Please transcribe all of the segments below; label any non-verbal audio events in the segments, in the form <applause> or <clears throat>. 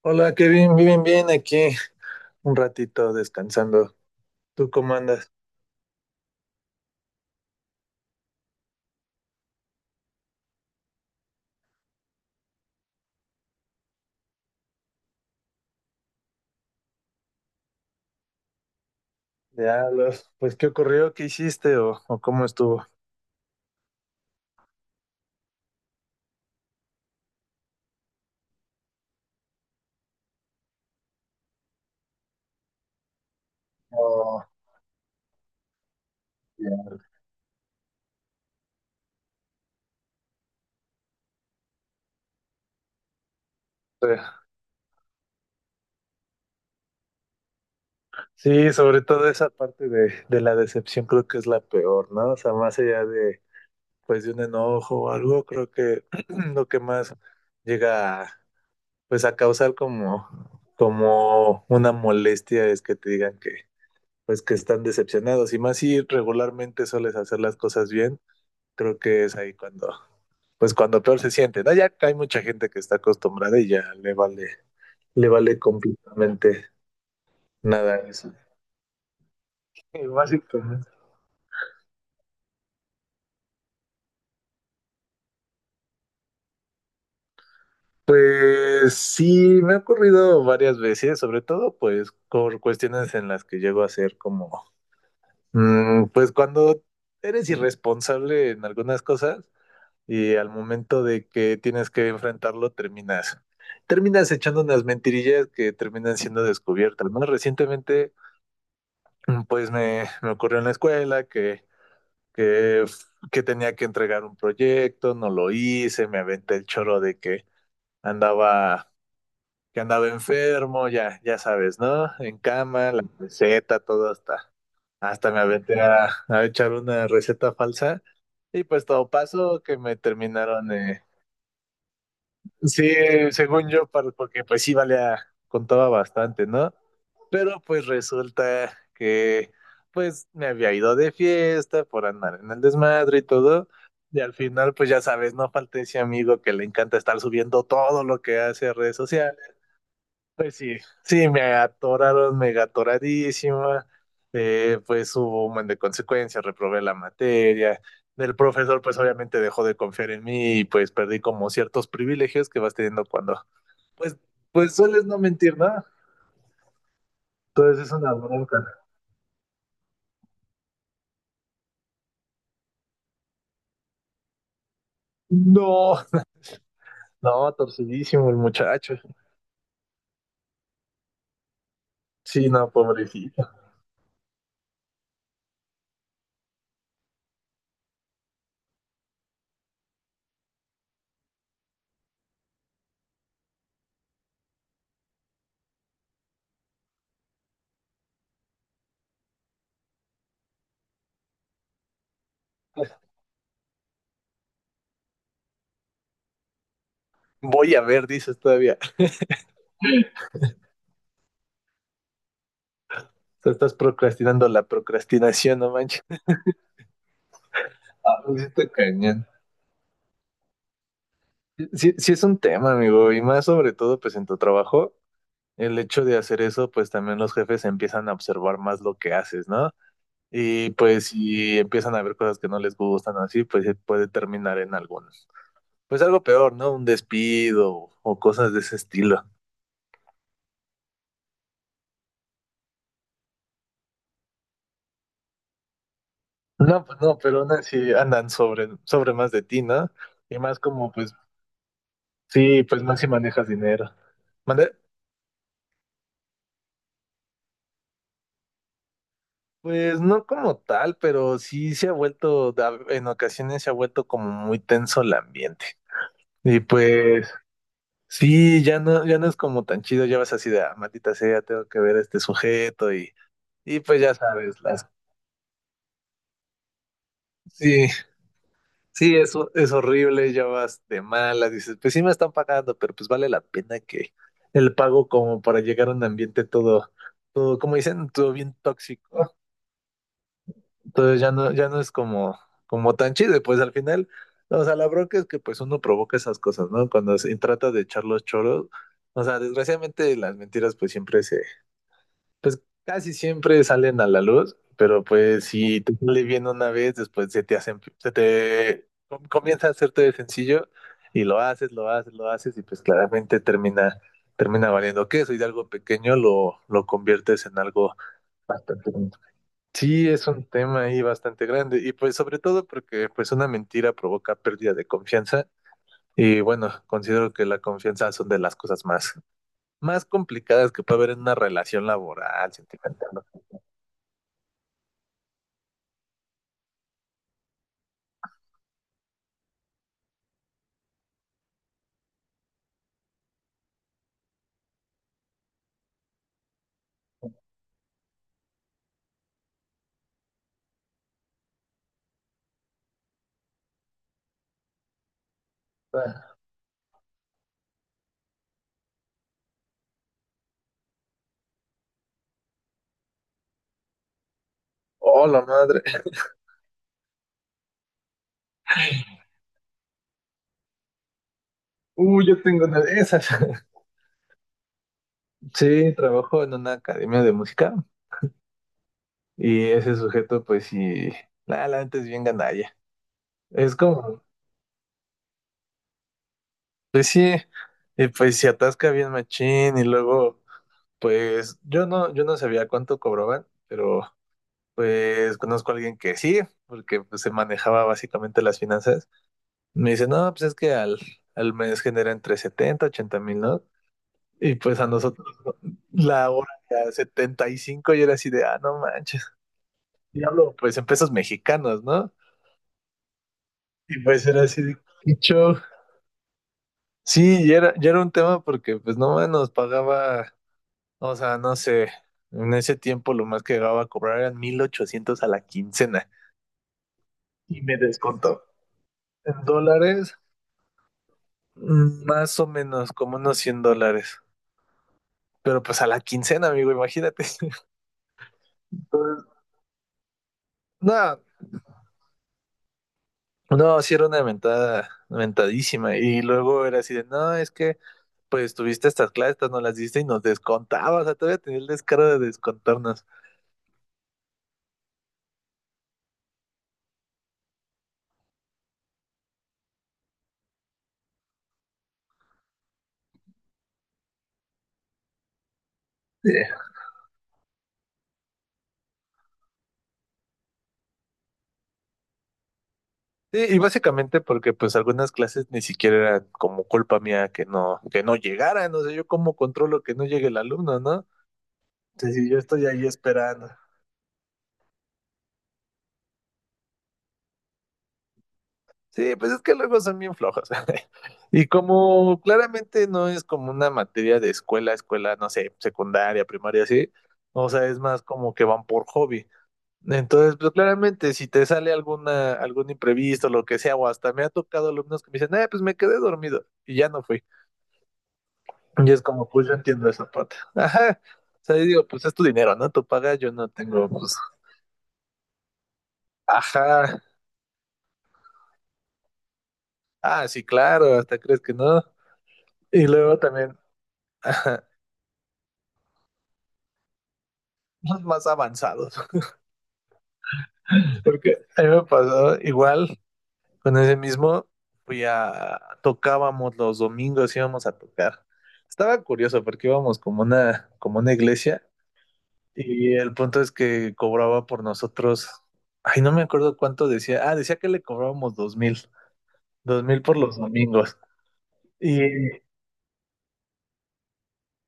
Hola Kevin, bien, bien, aquí un ratito descansando. ¿Tú cómo andas? Ya, pues, ¿qué ocurrió? ¿Qué hiciste o cómo estuvo? Oh, ya sé. Sí, sobre todo esa parte de la decepción, creo que es la peor, ¿no? O sea, más allá pues, de un enojo o algo, creo que <clears throat> lo que más llega pues, a causar, como una molestia, es que te digan pues, que están decepcionados. Y más si regularmente sueles hacer las cosas bien, creo que es ahí pues, cuando peor se siente, ¿no? Ya hay mucha gente que está acostumbrada y ya le vale completamente nada eso. Y básicamente. Pues sí, me ha ocurrido varias veces, sobre todo pues por cuestiones en las que llego a ser como, pues, cuando eres irresponsable en algunas cosas y al momento de que tienes que enfrentarlo, terminas echando unas mentirillas que terminan siendo descubiertas, ¿no? Recientemente, pues me ocurrió en la escuela que, que tenía que entregar un proyecto, no lo hice, me aventé el choro de que andaba, que andaba enfermo, ya sabes, ¿no? En cama, la receta, todo, hasta me aventé a echar una receta falsa, y pues todo pasó que me terminaron, sí, según yo, porque pues sí valía, contaba bastante, ¿no? Pero pues resulta que pues me había ido de fiesta por andar en el desmadre y todo. Y al final, pues ya sabes, no falta ese amigo que le encanta estar subiendo todo lo que hace a redes sociales. Pues sí, sí, me atoraron mega atoradísima. Pues hubo un buen de consecuencias, reprobé la materia. El profesor pues obviamente dejó de confiar en mí, y pues perdí como ciertos privilegios que vas teniendo cuando, pues, pues sueles no mentir, ¿no? Entonces es una bronca. No, no, torcidísimo el muchacho. Sí, no, pobrecito. Voy a ver, dices todavía. Te estás procrastinando la procrastinación, no manches. Ah, pues sí está cañón. Sí, sí es un tema, amigo, y más sobre todo pues en tu trabajo, el hecho de hacer eso, pues también los jefes empiezan a observar más lo que haces, ¿no? Y pues si empiezan a ver cosas que no les gustan o así, pues puede terminar en algunos. Pues algo peor, ¿no? Un despido o cosas de ese estilo. No, pues no, pero aún así andan sobre más de ti, ¿no? Y más como, pues, sí, pues más si manejas dinero. ¿Mande? Pues no como tal, pero sí se ha vuelto, en ocasiones se ha vuelto como muy tenso el ambiente. Y pues, sí, ya no es como tan chido, ya vas así de, ah, maldita sea, tengo que ver a este sujeto, y pues ya sabes, sí. Sí, eso es horrible, ya vas de malas, dices, pues sí me están pagando, pero pues vale la pena que el pago como para llegar a un ambiente todo, todo, como dicen, todo bien tóxico. Entonces ya no es como, como tan chido, y pues al final, o sea, la bronca es que pues uno provoca esas cosas, ¿no? Cuando se trata de echar los choros, o sea, desgraciadamente las mentiras pues siempre pues casi siempre salen a la luz, pero pues si te sale bien una vez, después se te hacen, se te com- comienza a hacerte de sencillo, y lo haces, lo haces, lo haces, y pues claramente termina valiendo queso, y de algo pequeño lo conviertes en algo bastante grande. Sí, es un tema ahí bastante grande, y pues sobre todo porque pues una mentira provoca pérdida de confianza. Y bueno, considero que la confianza son de las cosas más complicadas que puede haber en una relación laboral, sentimental, ¿no? Oh, la madre. <laughs> Uy, yo tengo una de esas. <laughs> Sí, trabajo en una academia de música, y ese sujeto, pues sí, la neta es bien gandalla. Es como, pues sí, y pues se atasca bien machín, y luego, pues yo no sabía cuánto cobraban, pero pues conozco a alguien que sí, porque pues se manejaba básicamente las finanzas. Me dice, no, pues es que al mes genera entre 70 80 mil, ¿no? Y pues a nosotros la hora era 75, y era así de, ah, no manches. Y hablo pues en pesos mexicanos, ¿no? Y pues era así de: "Qué show". Sí, y era, ya era un tema porque pues no más nos pagaba, o sea, no sé, en ese tiempo lo más que llegaba a cobrar eran 1,800 a la quincena. Y me descontó. En dólares, más o menos como unos $100. Pero pues a la quincena, amigo, imagínate. <laughs> Entonces, nada, no, sí era una mentada, mentadísima. Y luego era así de, no, es que pues tuviste estas clases, estas no las diste y nos descontabas, o sea, todavía tenía el descaro de descontarnos. Sí. Sí, y básicamente porque pues algunas clases ni siquiera eran como culpa mía que no, llegaran, o sea, yo cómo controlo que no llegue el alumno, ¿no? Entonces yo estoy ahí esperando. Sí, pues es que luego son bien flojos. <laughs> Y como claramente no es como una materia de escuela, escuela, no sé, secundaria, primaria, así, o sea, es más como que van por hobby. Entonces, pues claramente si te sale alguna, algún imprevisto, lo que sea, o hasta me ha tocado alumnos que me dicen, pues me quedé dormido y ya no fui. Y es como, pues yo entiendo esa parte. <laughs> Ajá. O sea, yo digo, pues es tu dinero, ¿no? Tú pagas, yo no tengo, pues, ajá. Ah, sí, claro, hasta crees que no. Y luego también... <laughs> los más avanzados. <laughs> Porque a mí me pasó igual con ese mismo, fui a, tocábamos los domingos, íbamos a tocar. Estaba curioso porque íbamos como una iglesia, y el punto es que cobraba por nosotros, ay, no me acuerdo cuánto decía, ah, decía que le cobrábamos 2,000, 2,000 por los domingos. Y,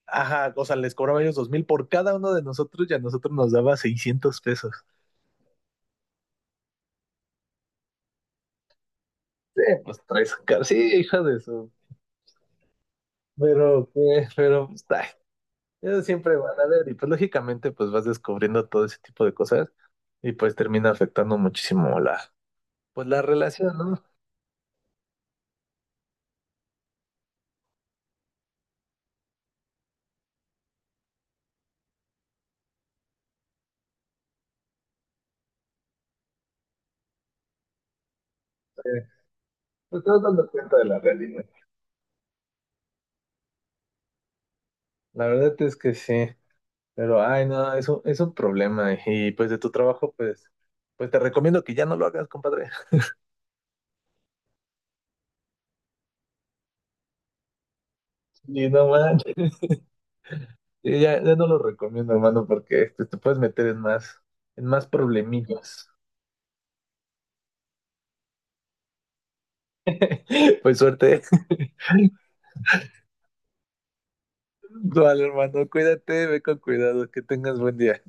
ajá, o sea, les cobraba ellos 2,000 por cada uno de nosotros, y a nosotros nos daba 600 pesos. Sí, pues sí, hija de su. Pero, pues, ay, eso siempre van a ver. Y pues lógicamente pues vas descubriendo todo ese tipo de cosas, y pues termina afectando muchísimo pues la relación, ¿no? Eh, pues te vas dando cuenta de la realidad. La verdad es que sí, pero, ay, no, es un problema. Y pues de tu trabajo, pues, pues te recomiendo que ya no lo hagas, compadre. Y no manches, y ya, ya no lo recomiendo, hermano, porque pues te puedes meter en más, problemillas. <laughs> Pues suerte. Vale, hermano, cuídate, ve con cuidado, que tengas buen día.